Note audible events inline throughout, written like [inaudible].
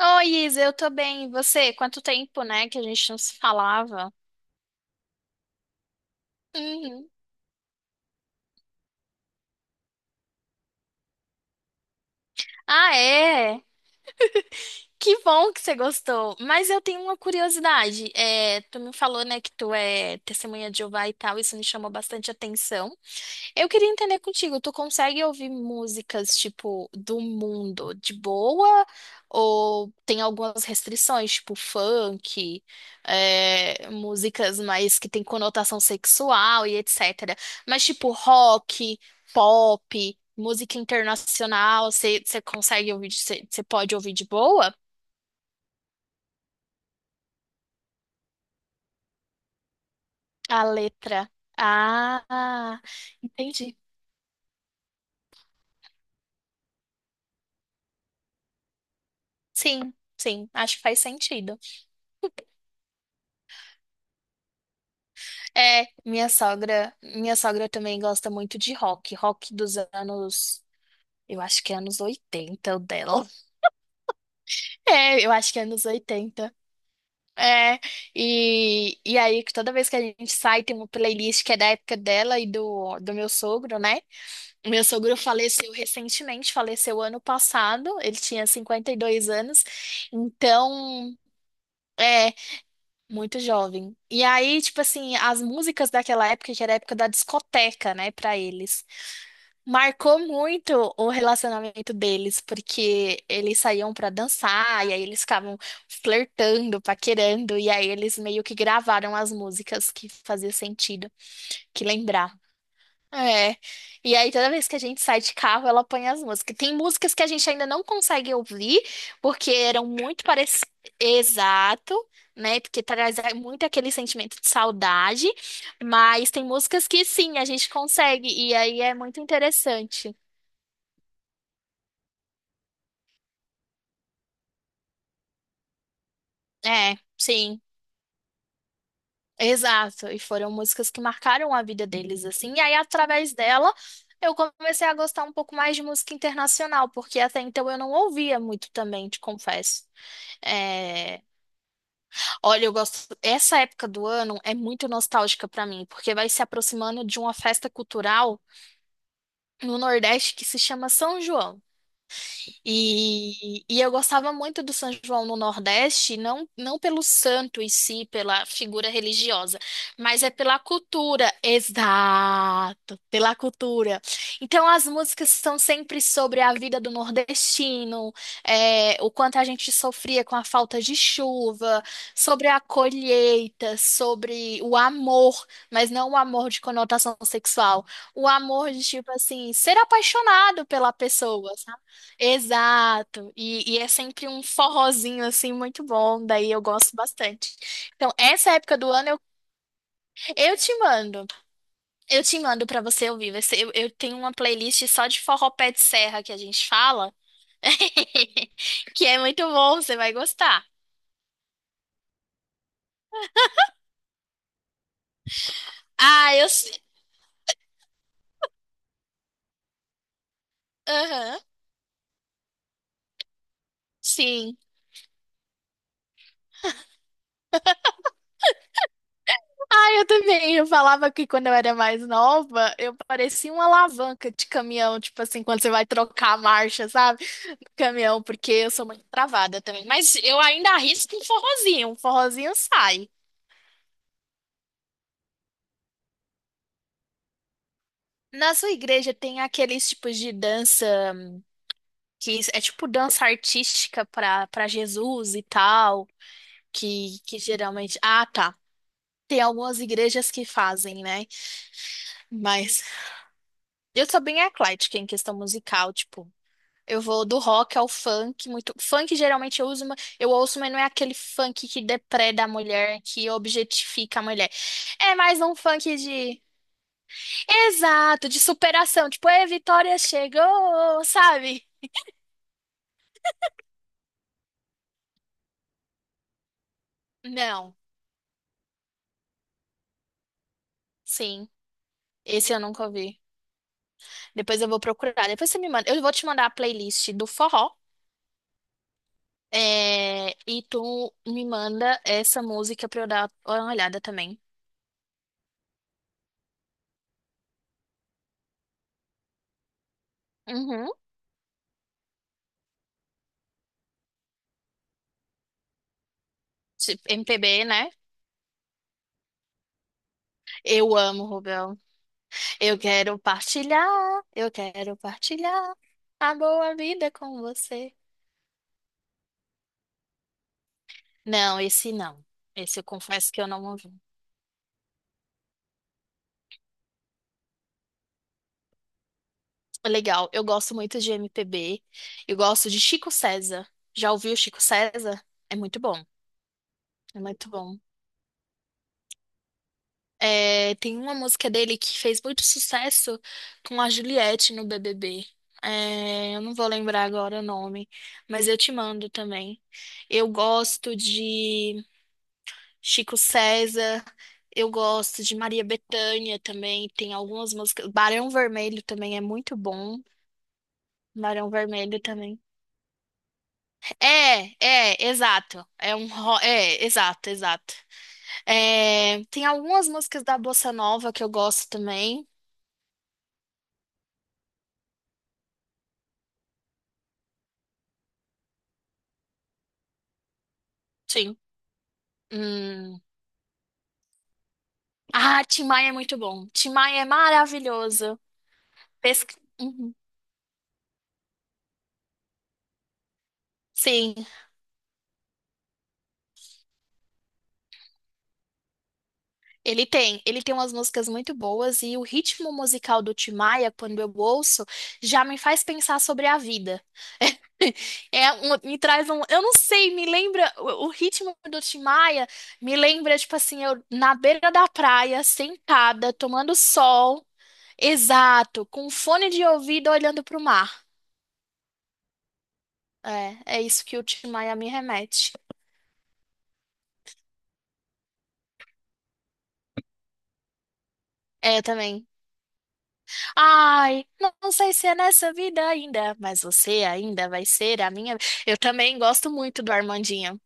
Oi, Isa, eu tô bem. E você? Quanto tempo, né, que a gente não se falava? Uhum. Ah, é? Que bom que você gostou. Mas eu tenho uma curiosidade. É, tu me falou, né, que tu é testemunha de Jeová e tal, isso me chamou bastante atenção. Eu queria entender contigo, tu consegue ouvir músicas, tipo, do mundo de boa? Ou tem algumas restrições, tipo funk, é, músicas mais que tem conotação sexual e etc. Mas, tipo, rock, pop, música internacional, você consegue ouvir, você pode ouvir de boa? A letra. Ah, entendi. Sim, sim, acho que faz sentido. É, minha sogra também gosta muito de rock, rock dos anos, eu acho que é anos 80, o dela. [laughs] É, eu acho que é anos 80. É, e aí que toda vez que a gente sai tem uma playlist que é da época dela e do meu sogro, né? O meu sogro faleceu recentemente, faleceu ano passado, ele tinha 52 anos, então é muito jovem. E aí, tipo assim, as músicas daquela época, que era a época da discoteca, né, pra eles. Marcou muito o relacionamento deles, porque eles saíam pra dançar, e aí eles ficavam flertando, paquerando, e aí eles meio que gravaram as músicas que fazia sentido, que lembrava. É. E aí toda vez que a gente sai de carro, ela põe as músicas. Tem músicas que a gente ainda não consegue ouvir, porque eram muito parecidas. Exato, né? Porque traz muito aquele sentimento de saudade, mas tem músicas que sim, a gente consegue, e aí é muito interessante. É, sim, exato. E foram músicas que marcaram a vida deles, assim. E aí, através dela, eu comecei a gostar um pouco mais de música internacional, porque até então eu não ouvia muito também, te confesso. É, olha, eu gosto. Essa época do ano é muito nostálgica pra mim, porque vai se aproximando de uma festa cultural no Nordeste que se chama São João. E eu gostava muito do São João no Nordeste, não, não pelo santo em si, pela figura religiosa, mas é pela cultura. Exato, pela cultura. Então as músicas são sempre sobre a vida do nordestino, é, o quanto a gente sofria com a falta de chuva, sobre a colheita, sobre o amor, mas não o amor de conotação sexual, o amor de tipo assim, ser apaixonado pela pessoa. Exato, e é sempre um forrozinho assim muito bom, daí eu gosto bastante. Então, essa época do ano eu te mando, eu te mando pra você ouvir. Eu tenho uma playlist só de forró pé de serra que a gente fala, [laughs] que é muito bom, você vai gostar. Ah, eu. Aham, sim. Ah, eu também. Eu falava que quando eu era mais nova, eu parecia uma alavanca de caminhão, tipo assim, quando você vai trocar a marcha, sabe? Caminhão, porque eu sou muito travada também. Mas eu ainda arrisco um forrozinho sai. Na sua igreja tem aqueles tipos de dança que é tipo dança artística para Jesus e tal, que geralmente. Ah, tá. Tem algumas igrejas que fazem, né? Mas eu sou bem eclética em questão musical, tipo. Eu vou do rock ao funk, muito. Funk geralmente eu uso, eu ouço, mas não é aquele funk que depreda a mulher, que objetifica a mulher. É mais um funk de. Exato, de superação. Tipo, é, Vitória chegou, sabe? Não, sim. Esse eu nunca ouvi. Depois eu vou procurar. Depois você me manda. Eu vou te mandar a playlist do forró. É, e tu me manda essa música pra eu dar uma olhada também. Uhum. Tipo, MPB, né? Eu amo, Rubel. Eu quero partilhar, eu quero partilhar a boa vida com você. Não, esse não. Esse eu confesso que eu não ouvi. É, legal, eu gosto muito de MPB. Eu gosto de Chico César. Já ouviu Chico César? É muito bom, é muito bom. É, tem uma música dele que fez muito sucesso com a Juliette no BBB. É, eu não vou lembrar agora o nome, mas eu te mando também. Eu gosto de Chico César, eu gosto de Maria Bethânia também. Tem algumas músicas. Barão Vermelho também é muito bom. Barão Vermelho também. É, exato. É, exato, exato. É, tem algumas músicas da Bossa Nova que eu gosto também. Sim. Hum. Ah, Tim Maia é muito bom. Tim Maia é maravilhoso. Pesca... Uhum. Sim, ele tem. Ele tem umas músicas muito boas e o ritmo musical do Tim Maia, quando eu ouço, já me faz pensar sobre a vida. [laughs] É, me traz um. Eu não sei, me lembra. O ritmo do Tim Maia me lembra, tipo assim, eu na beira da praia, sentada, tomando sol. Exato, com um fone de ouvido olhando pro mar. É isso que o Tim Maia me remete. É, também. Ai, não sei se é nessa vida ainda, mas você ainda vai ser a minha. Eu também gosto muito do Armandinho.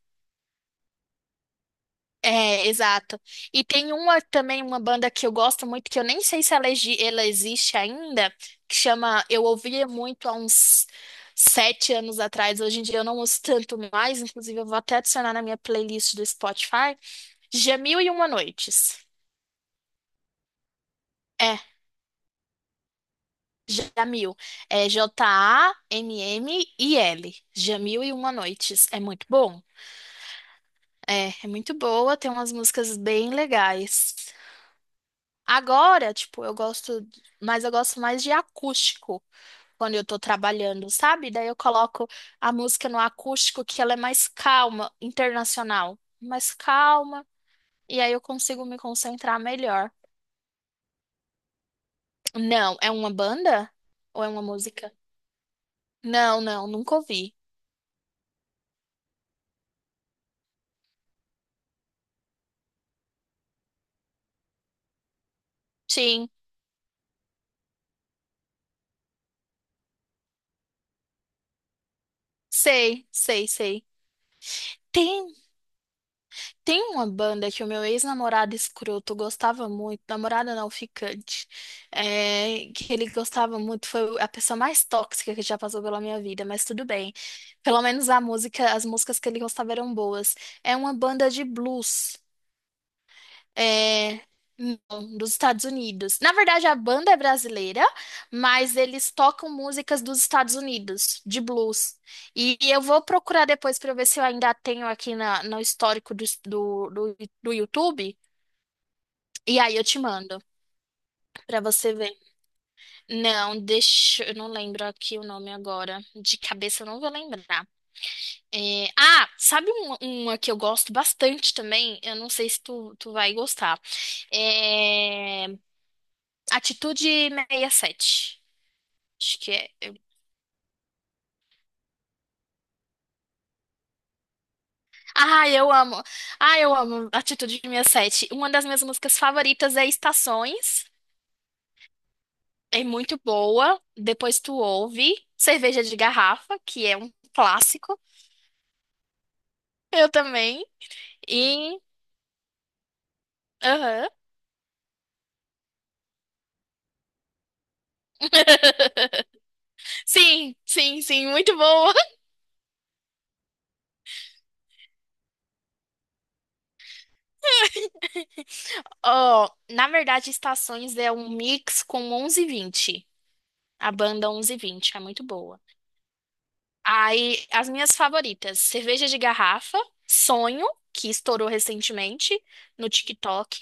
É, exato. E tem uma também, uma banda que eu gosto muito, que eu nem sei se ela existe ainda, que chama. Eu ouvia muito há uns 7 anos atrás, hoje em dia eu não ouço tanto mais, inclusive eu vou até adicionar na minha playlist do Spotify. Jamil e Uma Noites. É, Jamil. É Jammil. Jamil e Uma Noites. É muito bom. É muito boa, tem umas músicas bem legais. Agora, tipo, eu gosto, mas eu gosto mais de acústico quando eu tô trabalhando, sabe? Daí eu coloco a música no acústico que ela é mais calma, internacional, mais calma, e aí eu consigo me concentrar melhor. Não, é uma banda ou é uma música? Não, não, nunca ouvi. Sim, sei, sei, sei. Tem uma banda que o meu ex-namorado escroto gostava muito, namorada não ficante, é, que ele gostava muito, foi a pessoa mais tóxica que já passou pela minha vida, mas tudo bem. Pelo menos a música, as músicas que ele gostava eram boas. É uma banda de blues. É, não, dos Estados Unidos. Na verdade, a banda é brasileira, mas eles tocam músicas dos Estados Unidos, de blues. E eu vou procurar depois para ver se eu ainda tenho aqui no histórico do YouTube. E aí eu te mando para você ver. Não, deixa, eu não lembro aqui o nome agora. De cabeça eu não vou lembrar. É, ah, sabe uma que eu gosto bastante também? Eu não sei se tu vai gostar. É, Atitude 67. Acho que é. Ah, eu amo. Ah, eu amo Atitude 67. Uma das minhas músicas favoritas é Estações. É muito boa. Depois tu ouve Cerveja de Garrafa, que é um clássico. Eu também. E. Aham. [laughs] Sim, sim, sim, muito boa. Ó, na verdade, Estações é um mix com 11 e 20. A banda 11 e 20 é muito boa. Aí, as minhas favoritas: cerveja de garrafa, Sonho, que estourou recentemente no TikTok,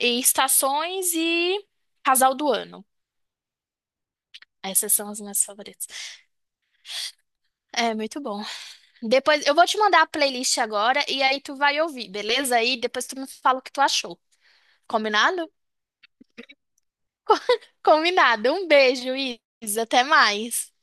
e Estações e Casal do Ano. Essas são as minhas favoritas. É muito bom. Depois eu vou te mandar a playlist agora e aí tu vai ouvir, beleza? Aí depois tu me fala o que tu achou. Combinado? Combinado. Um beijo, Isa. Até mais.